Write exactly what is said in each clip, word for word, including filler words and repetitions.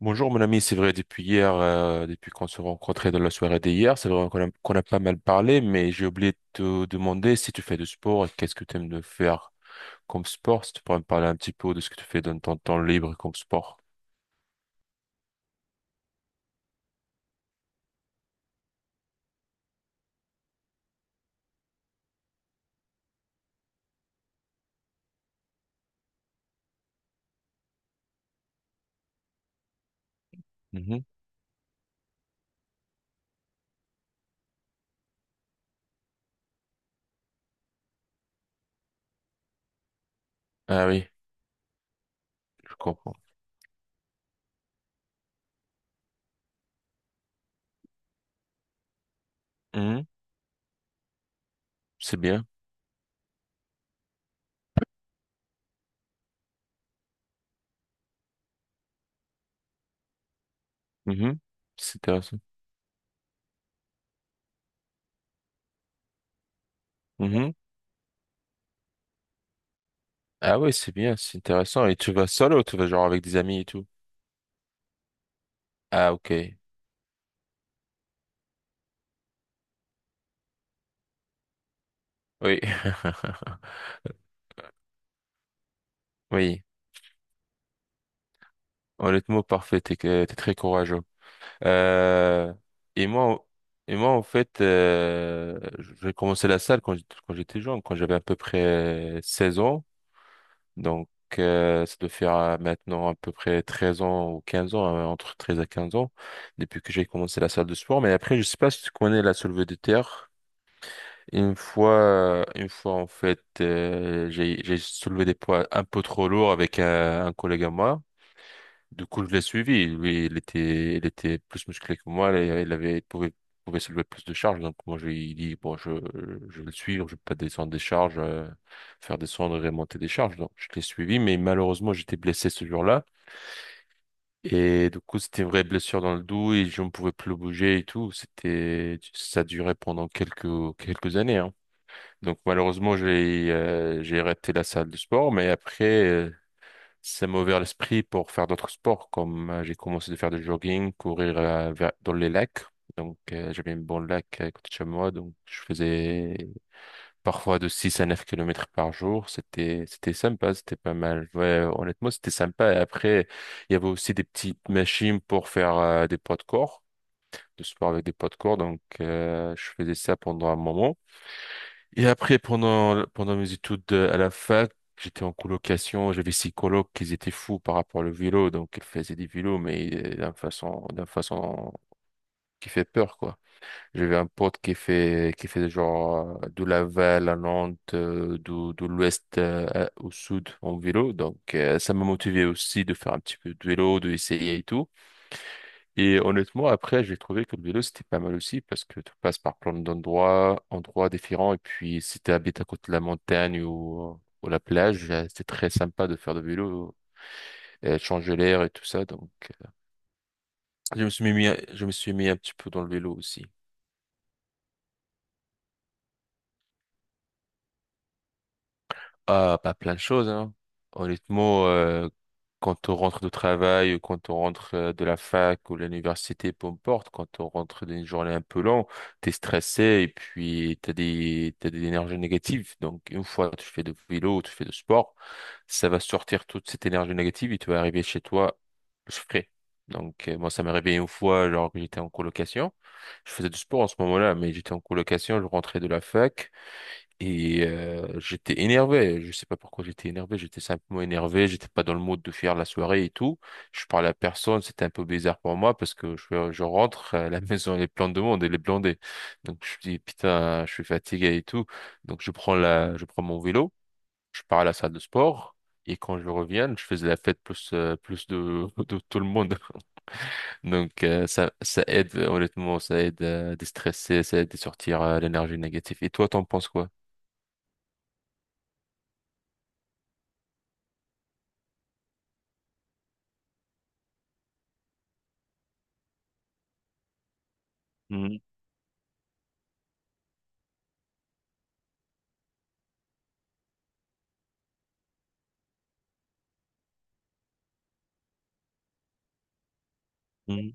Bonjour mon ami, c'est vrai depuis hier, euh, depuis qu'on se rencontrait dans la soirée d'hier, c'est vrai qu'on a, qu'on a pas mal parlé, mais j'ai oublié de te demander si tu fais du sport et qu'est-ce que tu aimes de faire comme sport, si tu pourrais me parler un petit peu de ce que tu fais dans ton temps libre comme sport. Mhm. Ah oui, je comprends. Mhm. C'est bien. Mhm. C'est intéressant. Mhm. Ah oui, c'est bien, c'est intéressant. Et tu vas seul ou tu vas genre avec des amis et tout? Ah, ok, oui. Oui, honnêtement parfait, t'es, que- t'es très courageux. Euh, et moi, et moi, en fait, euh, j'ai commencé la salle quand j'étais quand j'étais jeune, quand j'avais à peu près euh, seize ans. Donc, euh, ça doit faire euh, maintenant à peu près treize ans ou quinze ans, euh, entre treize à quinze ans, depuis que j'ai commencé la salle de sport. Mais après, je sais pas si tu connais la soulevé de terre. Une fois, une fois, en fait, euh, j'ai, j'ai soulevé des poids un peu trop lourds avec un, un collègue à moi. Du coup, je l'ai suivi. Lui, il était, il était plus musclé que moi. Il il avait, il pouvait, pouvait soulever plus de charges. Donc, moi, je lui ai dit, bon, je, je vais le suivre. Je vais pas descendre des charges, euh, faire descendre et remonter des charges. Donc, je l'ai suivi. Mais malheureusement, j'étais blessé ce jour-là. Et du coup, c'était une vraie blessure dans le dos et je ne pouvais plus bouger et tout. C'était, ça durait pendant quelques, quelques années, hein. Donc, malheureusement, j'ai, euh, j'ai arrêté la salle de sport. Mais après, euh, ça m'a ouvert l'esprit pour faire d'autres sports, comme euh, j'ai commencé de faire du jogging, courir euh, vers- dans les lacs. Donc, euh, j'avais un bon lac euh, à côté de chez moi, donc je faisais parfois de six à neuf kilomètres par jour. C'était, c'était sympa, c'était pas mal. Ouais, honnêtement, c'était sympa. Et après, il y avait aussi des petites machines pour faire euh, des poids de corps, de sport avec des poids de corps. Donc, euh, je faisais ça pendant un moment. Et après, pendant, pendant mes études euh, à la fac, j'étais en colocation, j'avais six colocs qui étaient fous par rapport au vélo, donc ils faisaient des vélos, mais euh, d'une façon, d'une façon qui fait peur, quoi. J'avais un pote qui fait, qui fait genre euh, de Laval à Nantes, euh, de, de l'ouest euh, à- au sud en vélo, donc euh, ça m'a motivé aussi de faire un petit peu de vélo, de essayer et tout. Et honnêtement, après, j'ai trouvé que le vélo, c'était pas mal aussi parce que tu passes par plein d'endroits, endroits différents. Et puis, si tu habites à côté de la montagne ou, ou la plage, euh, c'était très sympa de faire de vélo, euh, changer l'air et tout ça. Donc, je me suis mis, je me suis mis un petit peu dans le vélo aussi. Ah, pas plein de choses, hein. Honnêtement, euh, quand on rentre de travail, ou quand on rentre euh, de la fac ou de l'université, peu importe, quand on rentre d'une journée un peu longue, t'es stressé et puis t'as des, t'as des énergies négatives. Donc, une fois que tu fais du vélo, tu fais du sport, ça va sortir toute cette énergie négative et tu vas arriver chez toi plus frais. Donc, euh, moi, ça m'est arrivé une fois, alors que j'étais en colocation. Je faisais du sport en ce moment-là, mais j'étais en colocation, je rentrais de la fac. Et euh, j'étais énervé, je sais pas pourquoi j'étais énervé, j'étais simplement énervé, j'étais pas dans le mood de faire la soirée et tout. Je parlais à personne, c'était un peu bizarre pour moi parce que je, je rentre, euh, la maison elle est pleine de monde, elle est blindée. Donc je dis putain, je suis fatigué et tout. Donc je prends la, je prends mon vélo, je pars à la salle de sport et quand je reviens, je faisais la fête plus euh, plus de de tout le monde. Donc euh, ça ça aide honnêtement, ça aide à déstresser, ça aide à sortir euh, l'énergie négative. Et toi, t'en penses quoi? Mhm.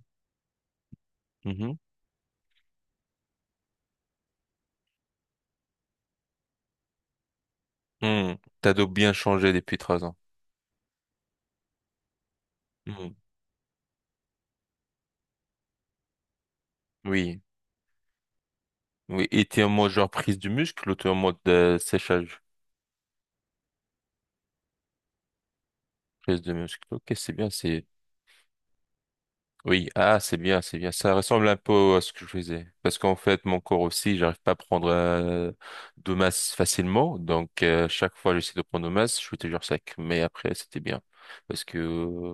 Mhm. Hmm. T'as donc bien changé depuis trois ans. Mhm. Oui, oui. Et t'es en mode genre prise du muscle ou t'es en mode euh, séchage, prise de muscle. Ok, c'est bien, c'est. Oui, ah, c'est bien, c'est bien. Ça ressemble un peu à ce que je faisais. Parce qu'en fait, mon corps aussi, j'arrive pas à prendre euh, de masse facilement. Donc, euh, chaque fois, j'essaie de prendre de masse, je suis toujours sec. Mais après, c'était bien. Parce que euh,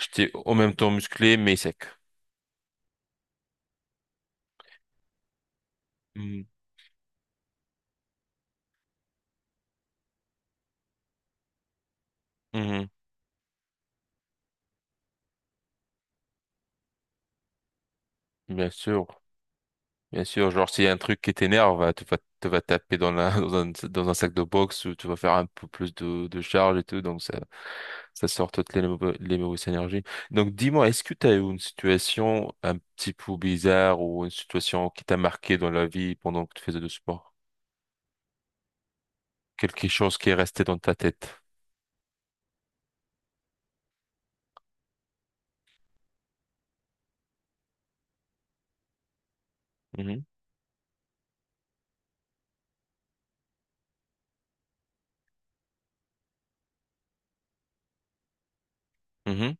j'étais en même temps musclé, mais sec. Mhm. Mhm. Bien sûr. Bien sûr, genre s'il y a un truc qui t'énerve, bah, tu vas te vas taper dans la dans un dans un sac de boxe ou tu vas faire un peu plus de, de charge et tout, donc ça ça sort toutes les mauvaises, les mauvaises énergies. Donc dis-moi, est-ce que tu as eu une situation un petit peu bizarre ou une situation qui t'a marqué dans la vie pendant que tu faisais du sport? Quelque chose qui est resté dans ta tête? Mhm, mhm,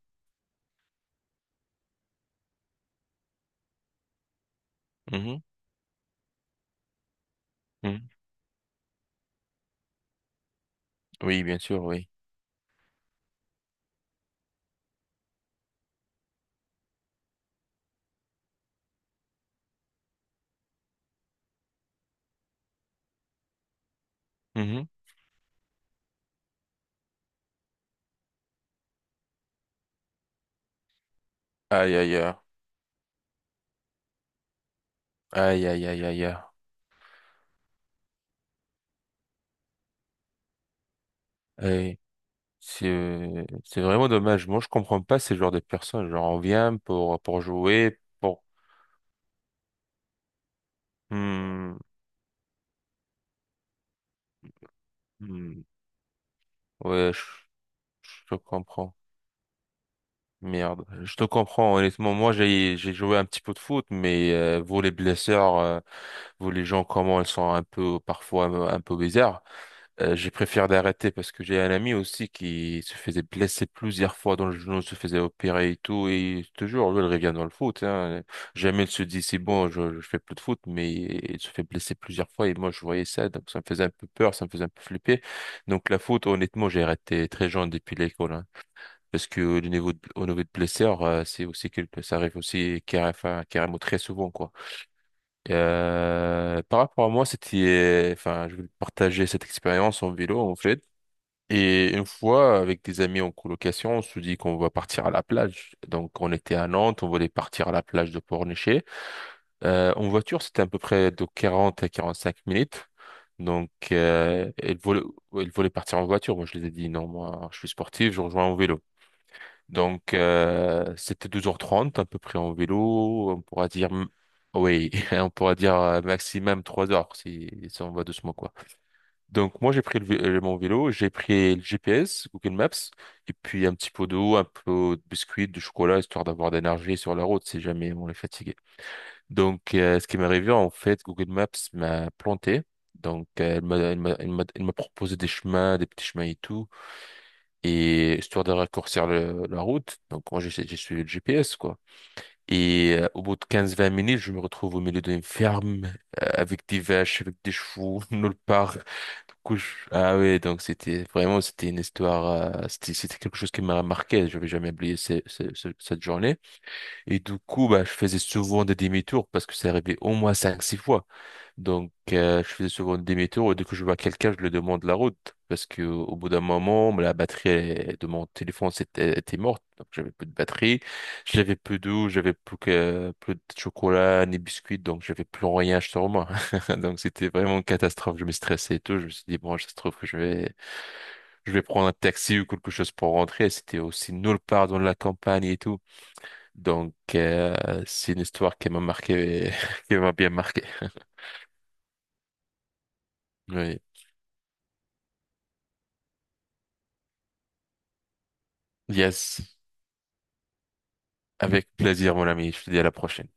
mhm, mhm. Oui, bien sûr, oui. Mhm. Aïe aïe aïe aïe aïe aïe aïe aïe. C'est, c'est vraiment dommage. Moi, je comprends pas ces genres de personnes. Genre, on vient pour, pour jouer, pour... Hmm, hmm. Ouais, je, je te comprends. Merde. Je te comprends. Honnêtement, moi, j'ai, j'ai joué un petit peu de foot, mais euh, vous, les blessures, euh, vous, les gens, comment elles sont un peu, parfois, un peu bizarres. Euh, j'ai préféré d'arrêter parce que j'ai un ami aussi qui se faisait blesser plusieurs fois dans le genou, se faisait opérer et tout, et toujours, lui, il revient dans le foot, hein. Jamais il se dit, c'est bon, je, je fais plus de foot, mais il se fait blesser plusieurs fois, et moi, je voyais ça, donc ça me faisait un peu peur, ça me faisait un peu flipper. Donc, la foot, honnêtement, j'ai arrêté très jeune depuis l'école, hein. Parce que au niveau de, au niveau de blessure, euh, c'est aussi quelque, ça arrive aussi carré- enfin, carrément très souvent, quoi. Euh, par rapport à moi, c'était, enfin, je vais partager cette expérience en vélo, en fait. Et une fois, avec des amis en colocation, on se dit qu'on va partir à la plage. Donc, on était à Nantes, on voulait partir à la plage de Pornichet. Euh, en voiture, c'était à peu près de quarante à quarante-cinq minutes. Donc, euh, elle voulait, elle voulait partir en voiture. Moi, je les ai dit, non, moi, je suis sportif, je rejoins en vélo. Donc, euh, c'était deux heures trente à peu près en vélo. On pourra dire, oui, on pourra dire euh, maximum trois heures si, si on va doucement, quoi. Donc moi j'ai pris le vé- euh, mon vélo, j'ai pris le G P S, Google Maps, et puis un petit pot d'eau, un peu de biscuits, de chocolat, histoire d'avoir d'énergie sur la route si jamais on est fatigué. Donc euh, ce qui m'est arrivé en fait, Google Maps m'a planté. Donc euh, elle m'a elle m'a elle m'a elle m'a proposé des chemins, des petits chemins et tout, et histoire de raccourcir le- la route. Donc moi j'ai j'ai suivi le G P S quoi. Et euh, au bout de quinze vingt minutes, je me retrouve au milieu d'une ferme, euh, avec des vaches, avec des chevaux, nulle part. Du coup, je- ah ouais, donc c'était vraiment, c'était une histoire, euh, c'était, c'était quelque chose qui m'a marqué. Je vais jamais oublier ce- ce- ce- cette journée. Et du coup, bah, je faisais souvent des demi-tours parce que ça arrivait au moins cinq six fois. Donc, euh, je faisais souvent des tour et dès que je vois quelqu'un, je lui demande la route. Parce que au bout d'un moment, la batterie elle, de mon téléphone c'était- était morte. Donc, j'avais plus de batterie, j'avais plus d'eau, j'avais plus que plus de chocolat ni biscuits. Donc, j'avais plus rien sur moi. Donc, c'était vraiment une catastrophe. Je me stressais et tout. Je me suis dit, bon, ça se trouve que je vais, je vais prendre un taxi ou quelque chose pour rentrer. C'était aussi nulle part dans la campagne et tout. Donc, euh, c'est une histoire qui m'a marqué, qui m'a bien marqué. Oui. Yes. Avec plaisir, mon ami. Je te dis à la prochaine.